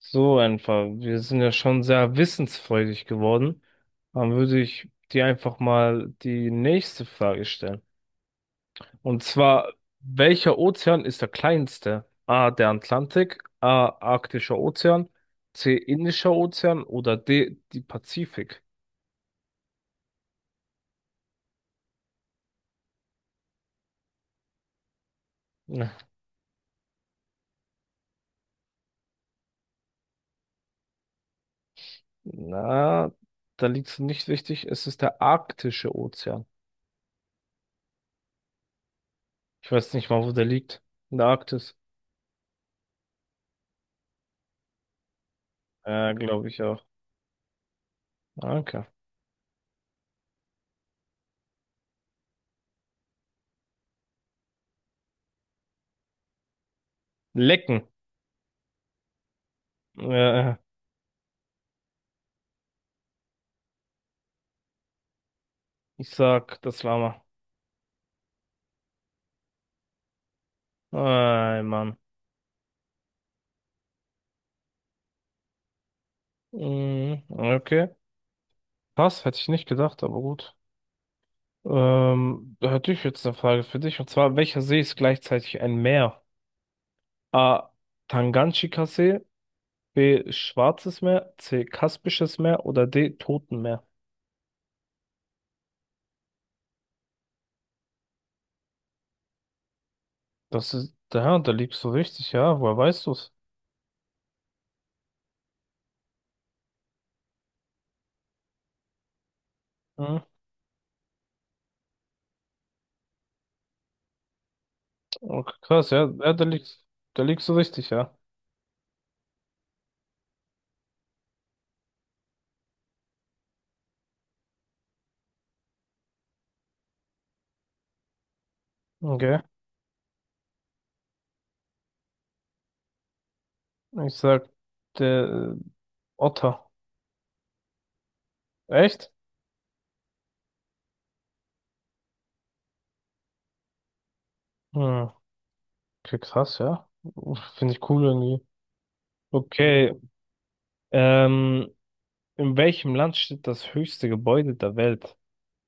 So einfach. Wir sind ja schon sehr wissensfreudig geworden. Dann würde ich dir einfach mal die nächste Frage stellen. Und zwar, welcher Ozean ist der kleinste? A, der Atlantik, A, Arktischer Ozean, C, Indischer Ozean oder D, die Pazifik? Na, na, da liegst du nicht richtig. Es ist der Arktische Ozean. Ich weiß nicht mal, wo der liegt. In der Arktis. Glaube ich auch. Danke. Lecken. Äh, Ich sag, das Lama. Ey, Mann. Mhm, okay. Krass, hätte ich nicht gedacht, aber gut. Da hätte ich jetzt eine Frage für dich. Und zwar, welcher See ist gleichzeitig ein Meer? A. Tanganjika-See, B. Schwarzes Meer, C. Kaspisches Meer oder D. Totenmeer? Das ist, ja, da liegst du richtig, ja. Woher weißt du's? Mhm. Okay, krass, ja, ja, da liegst du richtig, ja. Okay. Ich sag, der Otter. Echt? Hm. Okay, krass, ja. Finde ich cool irgendwie. Okay, ähm, in welchem Land steht das höchste Gebäude der Welt?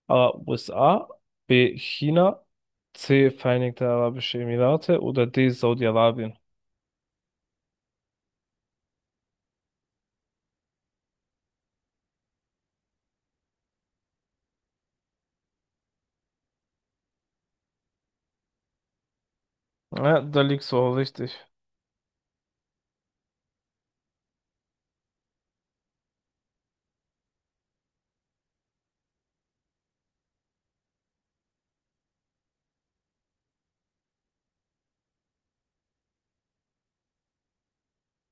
A. USA, B. China, C. Vereinigte Arabische Emirate oder D. Saudi-Arabien? Ja, da liegst du auch richtig.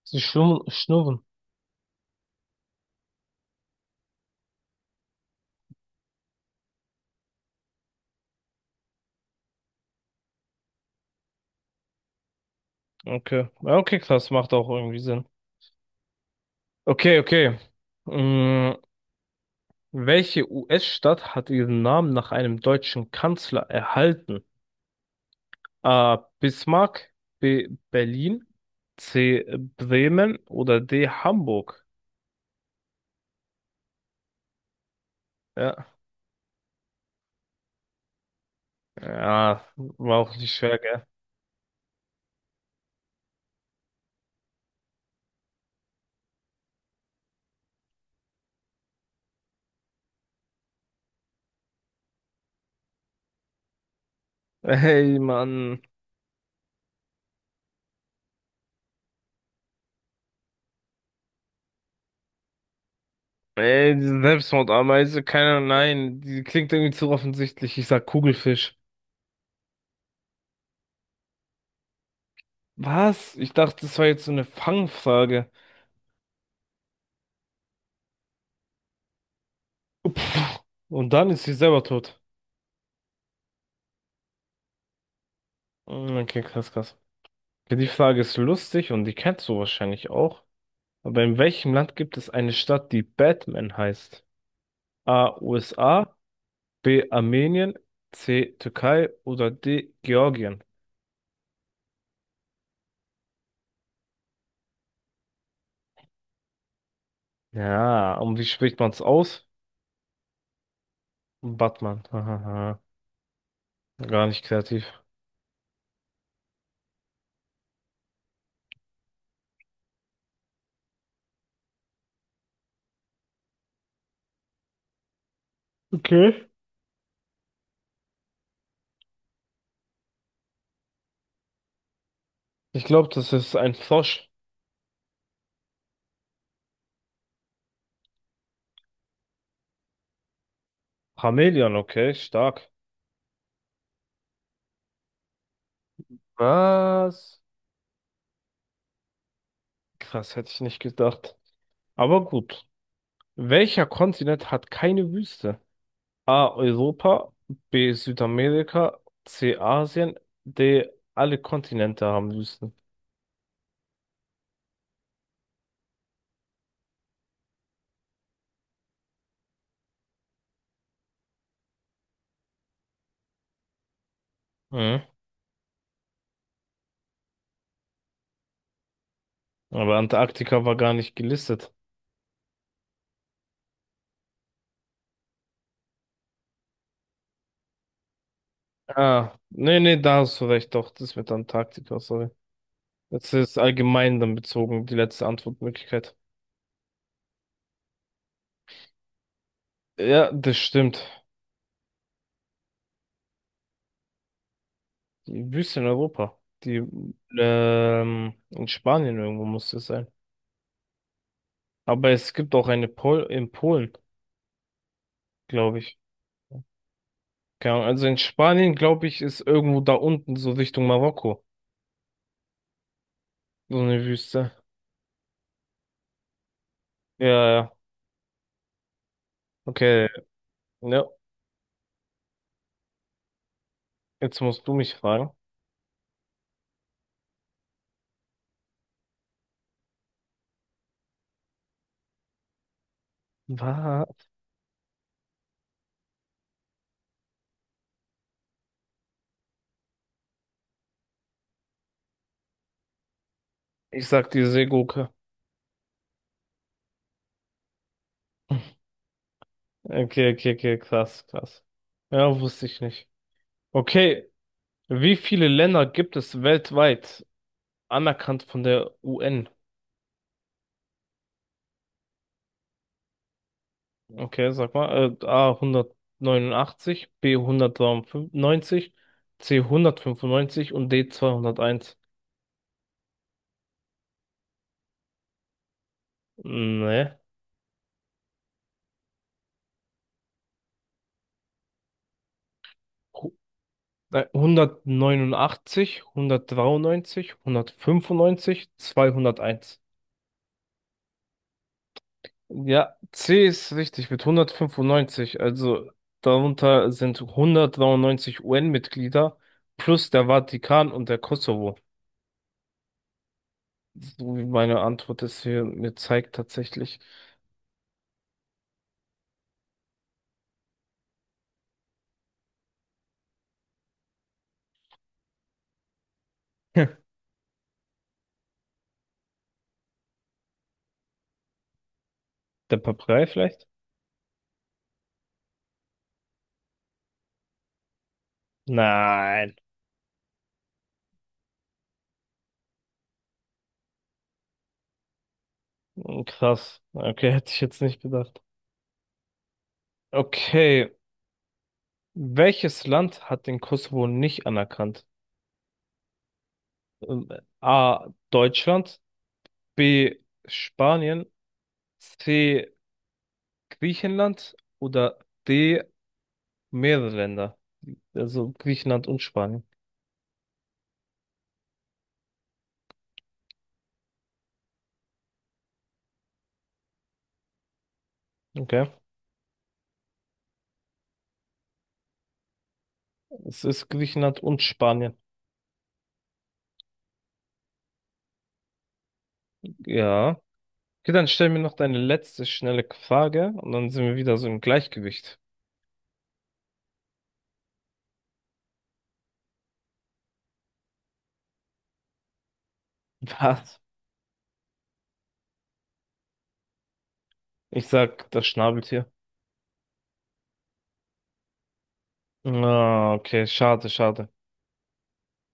Sie schnurren. Schnurren. Okay. Ja, okay, krass, macht auch irgendwie Sinn. Okay, okay. Mm, welche US-Stadt hat ihren Namen nach einem deutschen Kanzler erhalten? A. Bismarck, B. Berlin, C. Bremen oder D. Hamburg. Ja, ja, war auch nicht schwer, gell? Ey, Mann. Ey, diese Selbstmordameise, keiner, nein, die klingt irgendwie zu offensichtlich. Ich sag Kugelfisch. Was? Ich dachte, das war jetzt so eine Fangfrage. Und dann ist sie selber tot. Mm, okay, krass, krass. Okay, die Frage ist lustig und die kennst du wahrscheinlich auch. Aber in welchem Land gibt es eine Stadt, die Batman heißt? A. USA, B. Armenien, C. Türkei oder D. Georgien. Ja, und wie spricht man es aus? Batman. Hahaha. Gar nicht kreativ. Okay. Ich glaube, das ist ein Frosch. Chamäleon, okay, stark. Was? Krass, hätte ich nicht gedacht. Aber gut. Welcher Kontinent hat keine Wüste? A. Europa, B. Südamerika, C. Asien, D. Alle Kontinente haben Wüsten. Mhm. Aber Antarktika war gar nicht gelistet. Ah, nee, da hast du recht, doch, das mit Antarktika, sorry. Jetzt ist allgemein dann bezogen, die letzte Antwortmöglichkeit. Ja, das stimmt. Die Wüste in Europa, die in Spanien irgendwo muss das sein. Aber es gibt auch eine Pol in Polen, glaube ich. Keine Ahnung, also in Spanien, glaube ich, ist irgendwo da unten, so Richtung Marokko, so eine Wüste. Ja, ja, okay, ja, Jetzt musst du mich fragen. Was? Ich sag die Seegurke. Okay, okay, okay, krass, krass. Ja, wusste ich nicht. Okay, wie viele Länder gibt es weltweit anerkannt von der UN? Okay, sag mal, A 189, B 193, C 195 und D 201. Nee. Hu- 189, 193, 195, 201. Ja, C ist richtig mit 195. Also darunter sind 193 UN-Mitglieder plus der Vatikan und der Kosovo. So wie meine Antwort es hier mir zeigt tatsächlich. Hm. Der Papagei vielleicht? Nein. Krass. Okay, hätte ich jetzt nicht gedacht. Okay. Welches Land hat den Kosovo nicht anerkannt? Ähm, A. Deutschland, B. Spanien, C. Griechenland oder D. Mehrere Länder. Also Griechenland und Spanien. Okay. Es ist Griechenland und Spanien. Ja. Okay, dann stell mir noch deine letzte schnelle Frage und dann sind wir wieder so im Gleichgewicht. Was? Ich sag das Schnabeltier. Ah, okay, schade, schade.